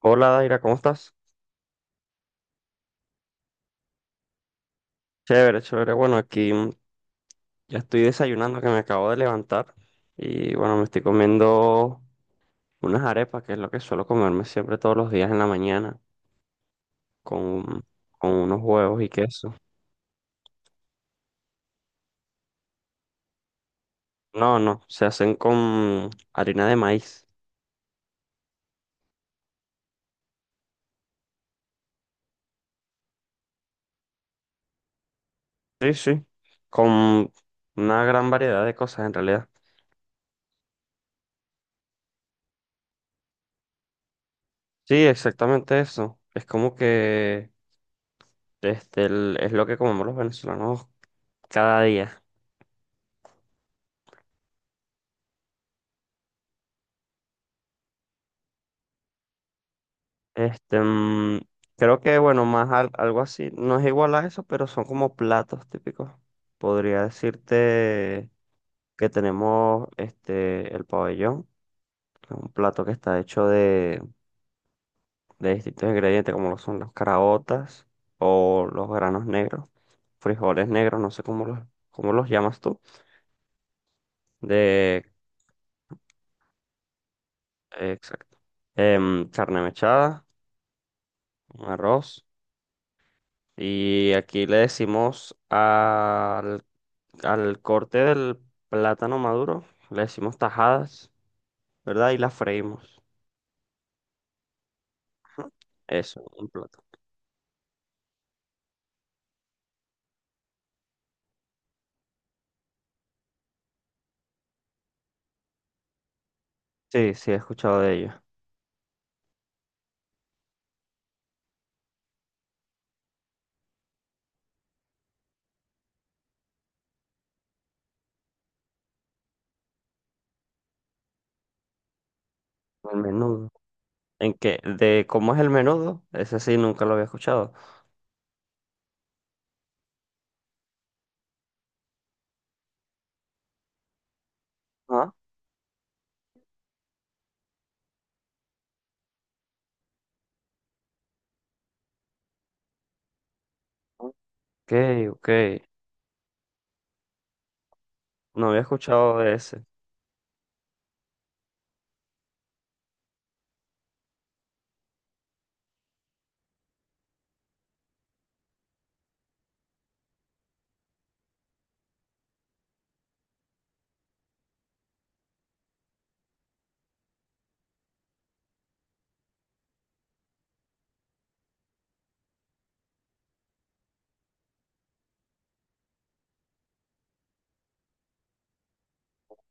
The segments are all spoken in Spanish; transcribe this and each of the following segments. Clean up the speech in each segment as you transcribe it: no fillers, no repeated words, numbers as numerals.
Hola Daira, ¿cómo estás? Chévere, chévere. Bueno, aquí ya estoy desayunando que me acabo de levantar y bueno, me estoy comiendo unas arepas, que es lo que suelo comerme siempre todos los días en la mañana, con, con unos huevos y queso. No, no, se hacen con harina de maíz. Sí, sí, con una gran variedad de cosas en realidad. Sí, exactamente eso. Es como que es lo que comemos los venezolanos cada día. Este, mm, Creo que, bueno, más algo así, no es igual a eso, pero son como platos típicos. Podría decirte que tenemos el pabellón, que es un plato que está hecho de distintos ingredientes, como lo son las caraotas o los granos negros, frijoles negros, no sé cómo los llamas tú, de, exacto. Carne mechada, arroz, y aquí le decimos al corte del plátano maduro le decimos tajadas, ¿verdad? Y las freímos. Ujú. Eso, un plato. Sí, sí, he escuchado de ello. El menudo. ¿En qué? ¿De cómo es el menudo? Ese sí, nunca lo había escuchado. Ah, ok, ok. No había escuchado de ese.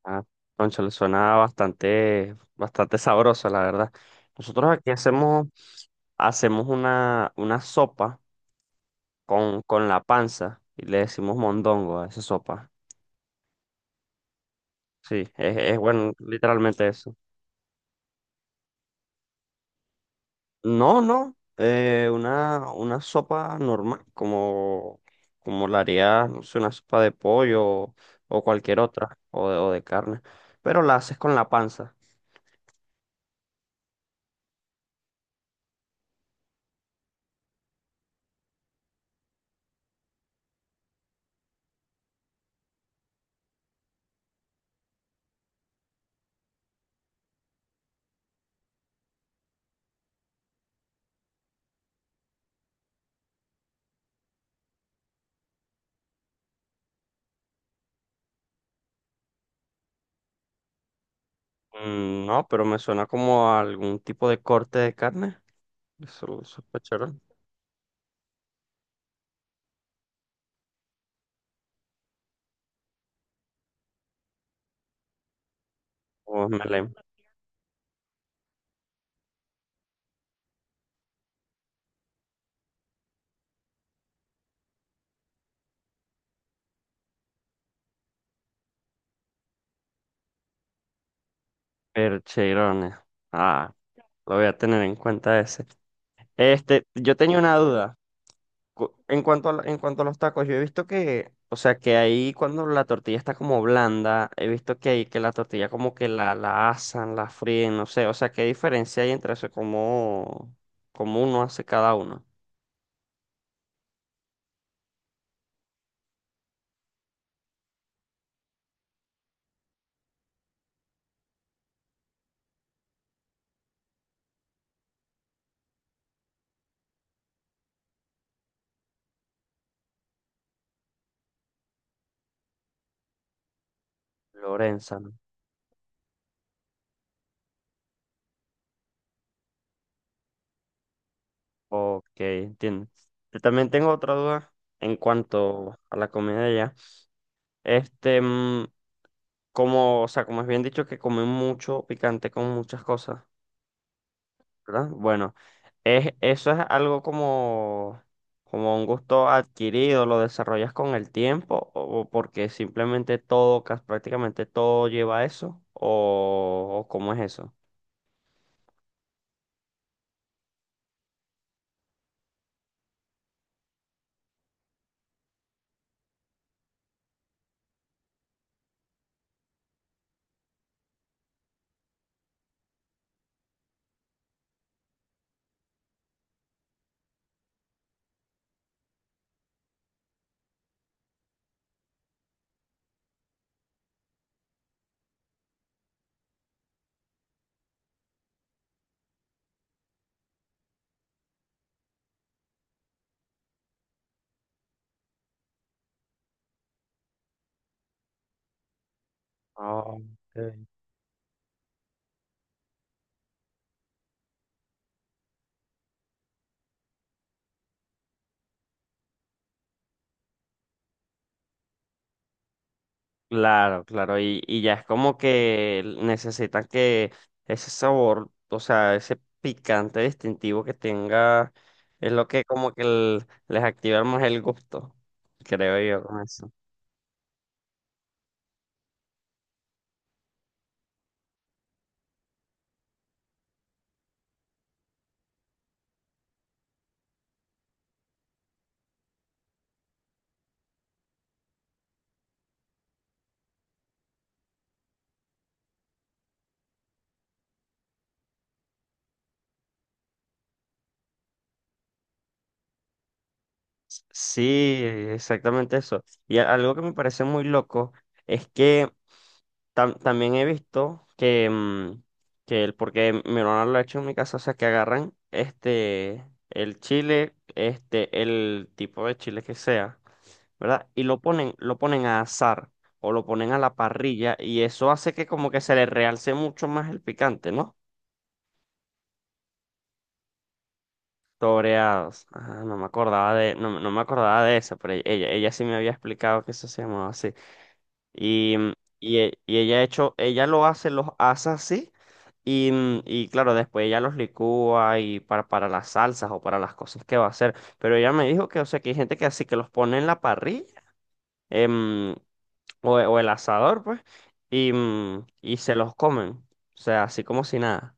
Ah, concha, le suena bastante, bastante sabroso, la verdad. Nosotros aquí hacemos una sopa con la panza y le decimos mondongo a esa sopa. Sí, es bueno, literalmente eso. No, no, una sopa normal, como la haría, no sé, una sopa de pollo o cualquier otra, o de carne, pero la haces con la panza. Mm, no, pero me suena como a algún tipo de corte de carne, eso es percherón, o melén, percherones. Ah, lo voy a tener en cuenta ese. Yo tenía una duda. En cuanto a los tacos, yo he visto que, o sea, que ahí cuando la tortilla está como blanda, he visto que ahí que la tortilla como que la asan, la fríen, no sé, o sea, ¿qué diferencia hay entre eso? Como como uno hace cada uno? Lorenza, ¿no? Ok, entiendo. Yo también tengo otra duda en cuanto a la comida de allá. Este, mm, Como, o sea, como es bien dicho que comen mucho picante con muchas cosas. ¿Verdad? Bueno, eso es algo como un gusto adquirido, lo desarrollas con el tiempo o porque simplemente todo, prácticamente todo lleva a eso o cómo es eso. Ah, ok. Claro, claro, y ya es como que necesitan que ese sabor, o sea, ese picante distintivo que tenga, es lo que como que les activa más el gusto, creo yo. Con eso. Sí, exactamente eso. Y algo que me parece muy loco es que también he visto que, que el, porque mi hermana lo ha hecho en mi casa, o sea, que agarran el chile, el tipo de chile que sea, ¿verdad? Y lo ponen a asar o lo ponen a la parrilla y eso hace que como que se le realce mucho más el picante, ¿no? Toreados. Ah, no me acordaba de, no, no me acordaba de eso, pero ella sí me había explicado que eso se llamaba así. Y, ella lo hace, los asa así. Y, y claro, después ella los licúa y para las salsas o para las cosas que va a hacer. Pero ella me dijo que, o sea, que hay gente que así que los pone en la parrilla em, o el asador, pues, y, y se los comen. O sea, así como si nada.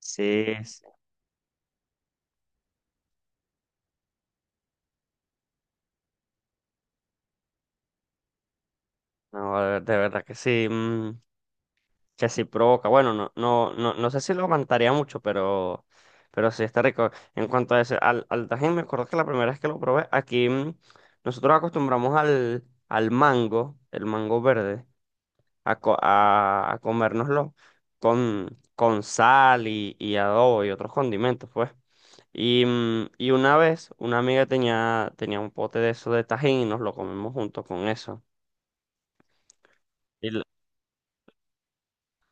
Sí, sí. No, de verdad que sí. Que sí provoca. Bueno, no, no, no, no sé si lo aguantaría mucho, pero sí está rico. En cuanto a ese, al tajín, me acuerdo que la primera vez que lo probé, aquí nosotros acostumbramos al mango, el mango verde, a comérnoslo con sal y adobo y otros condimentos, pues. Y, y una vez una amiga tenía un pote de eso de tajín y nos lo comimos junto con eso.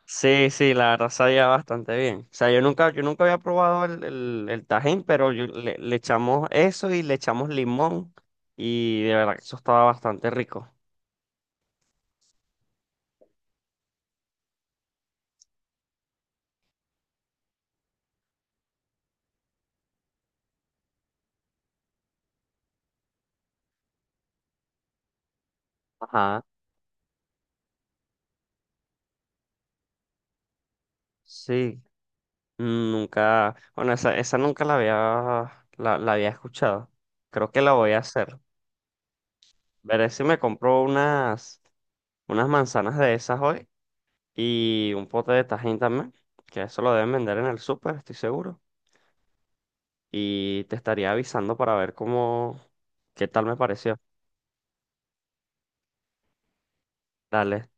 Sí, sí, la verdad sabía bastante bien. O sea, yo nunca había probado el tajín, pero le echamos eso y le echamos limón y de verdad que eso estaba bastante rico. Ajá. Sí, nunca, bueno, esa nunca la había, la había escuchado. Creo que la voy a hacer. Veré si me compro unas manzanas de esas hoy y un pote de tajín también, que eso lo deben vender en el súper, estoy seguro. Y te estaría avisando para ver cómo, qué tal me pareció. Dale,